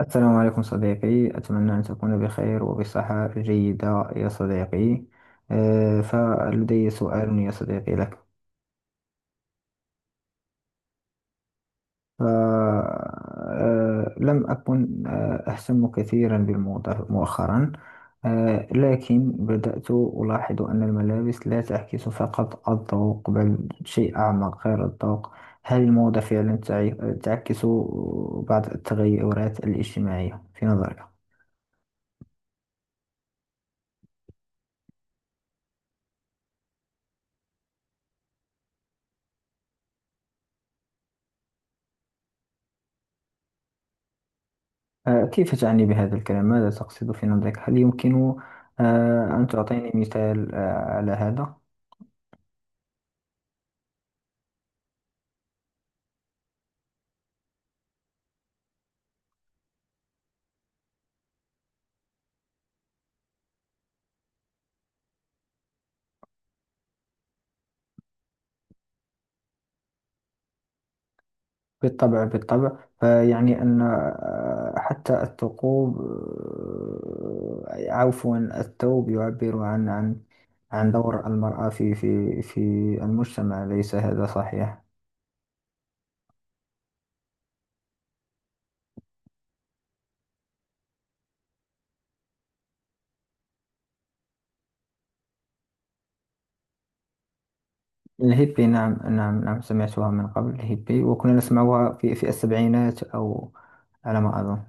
السلام عليكم صديقي، أتمنى أن تكون بخير وبصحة جيدة يا صديقي. فلدي سؤال يا صديقي لك. لم أكن أهتم كثيرا بالموضة مؤخرا. لكن بدأت ألاحظ أن الملابس لا تعكس فقط الذوق، بل شيء أعمق غير الذوق. هل الموضة فعلا تعكس بعض التغيرات الاجتماعية في نظرك؟ كيف تعني بهذا الكلام؟ ماذا تقصد في نظرك؟ هل يمكن أن تعطيني مثال على هذا؟ بالطبع، بالطبع. فيعني أن حتى الثقوب، عفوا الثوب يعبر عن عن دور المرأة في المجتمع، ليس هذا صحيح؟ الهيبي، نعم نعم نعم، سمعتها من قبل الهيبي، وكنا نسمعها في السبعينات، أو على ما أظن.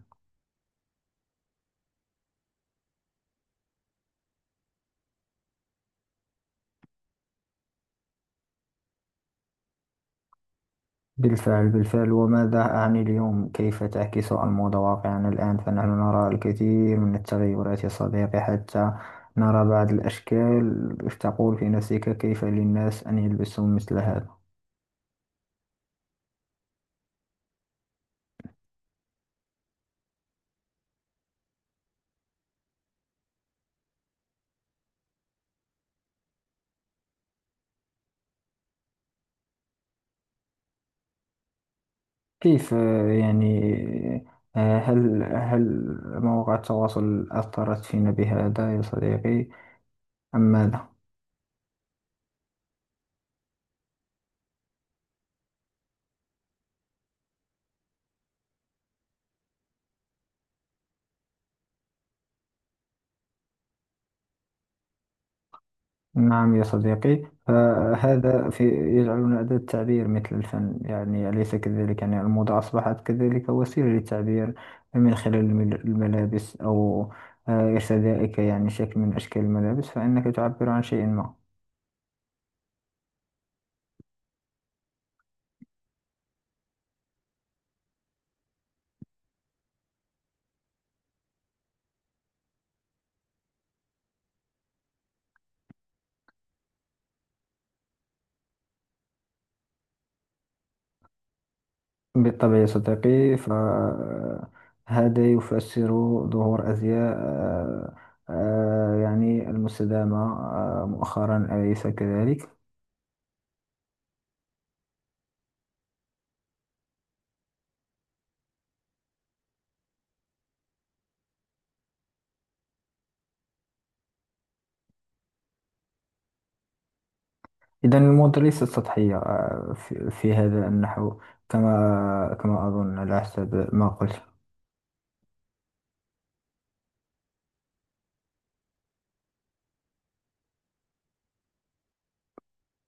بالفعل بالفعل. وماذا أعني اليوم؟ كيف تعكس الموضة واقعنا الآن؟ فنحن نرى الكثير من التغيرات يا صديقي، حتى نرى بعض الأشكال تقول في نفسك: كيف للناس أن يلبسوا مثل هذا؟ كيف يعني، هل مواقع التواصل أثرت فينا بهذا يا صديقي، أم ماذا؟ نعم يا صديقي، فهذا يجعلنا أداة تعبير مثل الفن، يعني أليس كذلك؟ يعني الموضة أصبحت كذلك وسيلة للتعبير من خلال الملابس، أو ارتدائك يعني شكل من أشكال الملابس، فإنك تعبر عن شيء ما. بالطبع يا صديقي، فهذا يفسر ظهور أزياء يعني المستدامة مؤخرا، أليس كذلك؟ إذا الموضة ليست سطحية في هذا النحو، كما كما أظن على حسب ما قلت.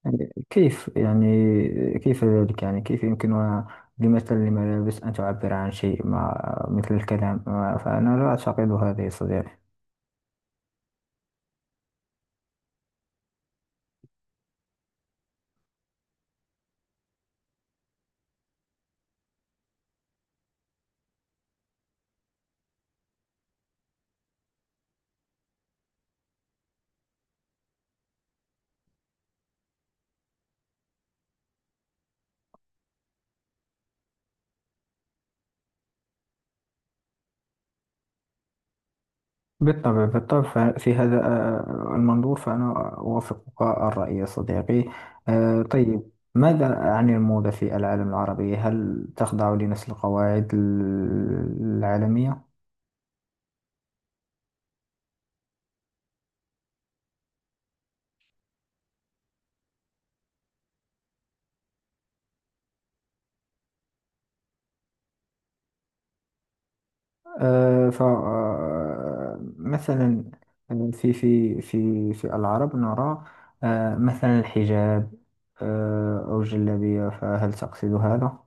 يعني كيف يعني، كيف ذلك؟ يعني كيف يمكنها بمثل الملابس أن تعبر عن شيء ما مثل الكلام؟ فأنا لا أعتقد هذا يا صديقي. بالطبع بالطبع. في هذا المنظور، فأنا أوافقك الرأي يا صديقي. طيب، ماذا عن الموضة في العالم العربي؟ هل تخضع لنفس القواعد العالمية؟ آه، ف آه، مثلا في العرب نرى مثلا الحجاب، أو الجلابية، فهل تقصد هذا؟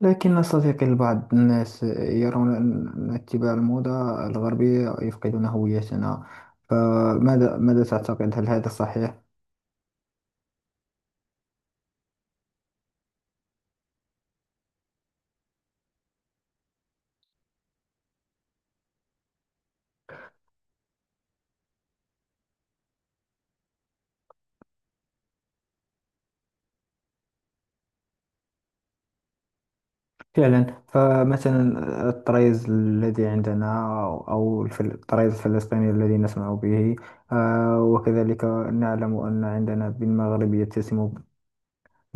لكن صديقي، البعض الناس يرون أن اتباع الموضة الغربية يفقدون هويتنا. فماذا تعتقد؟ هل هذا صحيح؟ فعلا. فمثلا الطريز الذي عندنا، أو الطريز الفلسطيني الذي نسمع به، وكذلك نعلم أن عندنا بالمغرب يتسم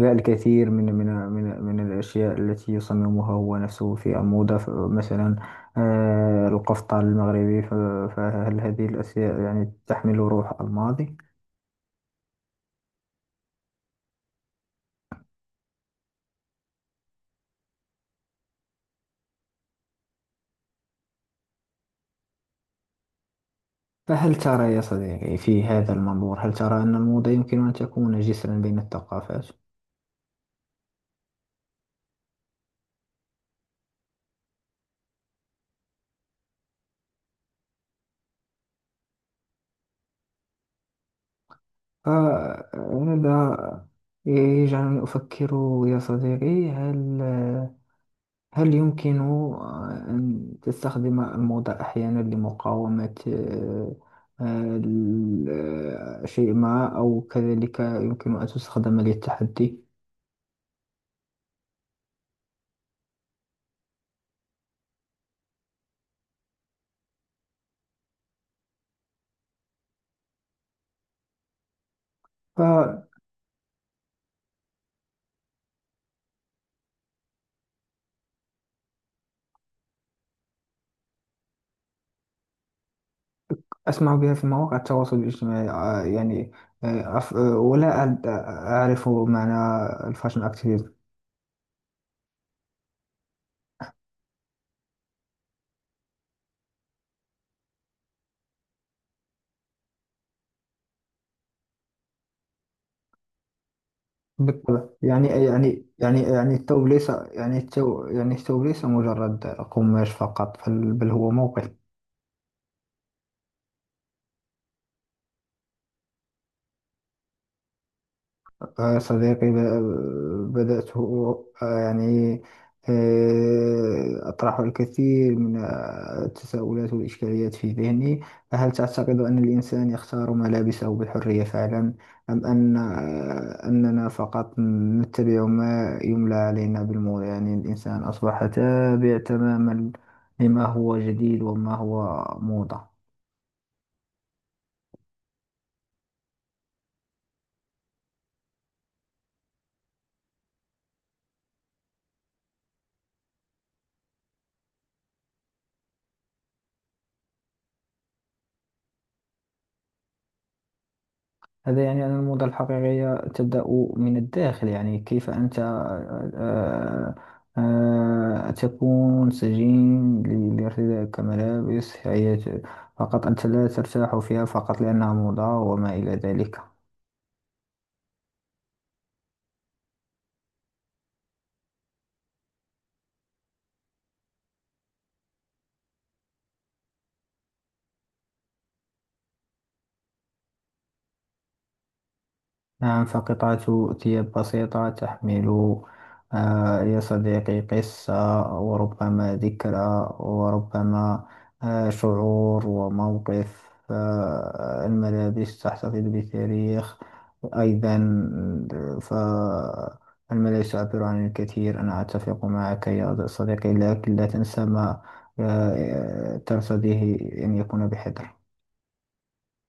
الكثير من الأشياء التي يصممها هو نفسه في الموضة. مثلا القفطان المغربي. فهل هذه الأشياء يعني تحمل روح الماضي؟ فهل ترى يا صديقي في هذا المنظور، هل ترى أن الموضة يمكن أن تكون جسرا بين الثقافات؟ آه، هذا يجعلني أفكر يا صديقي. هل يمكن أن تستخدم الموضة أحيانا لمقاومة آه، ال- شيء ما، أو كذلك يمكن أن تستخدم للتحدي؟ فأسمع بها في مواقع التواصل الاجتماعي. يعني، ولا أعرف معنى الفاشن أكتيفيزم. بالطبع. يعني يعني يعني، يعني الثوب ليس، يعني الثوب، يعني الثوب ليس مجرد قماش فقط، بل هو موقع. صديقي، بدأت يعني أطرح الكثير من التساؤلات والإشكاليات في ذهني. هل تعتقد أن الإنسان يختار ملابسه بحرية فعلا، أم أن أننا فقط نتبع ما يملى علينا بالمول؟ يعني الإنسان أصبح تابع تماما لما هو جديد وما هو موضة. هذا يعني أن الموضة الحقيقية تبدأ من الداخل. يعني كيف أنت تكون سجين لارتدائك ملابس هي فقط أنت لا ترتاح فيها، فقط لأنها موضة وما إلى ذلك. نعم، فقطعة ثياب بسيطة تحمل يا صديقي قصة، وربما ذكرى، وربما شعور وموقف. الملابس تحتفظ بتاريخ أيضا. فالملابس تعبر عن الكثير، أنا أتفق معك يا صديقي، لكن لا تنسى ما ترتضيه أن يكون بحذر.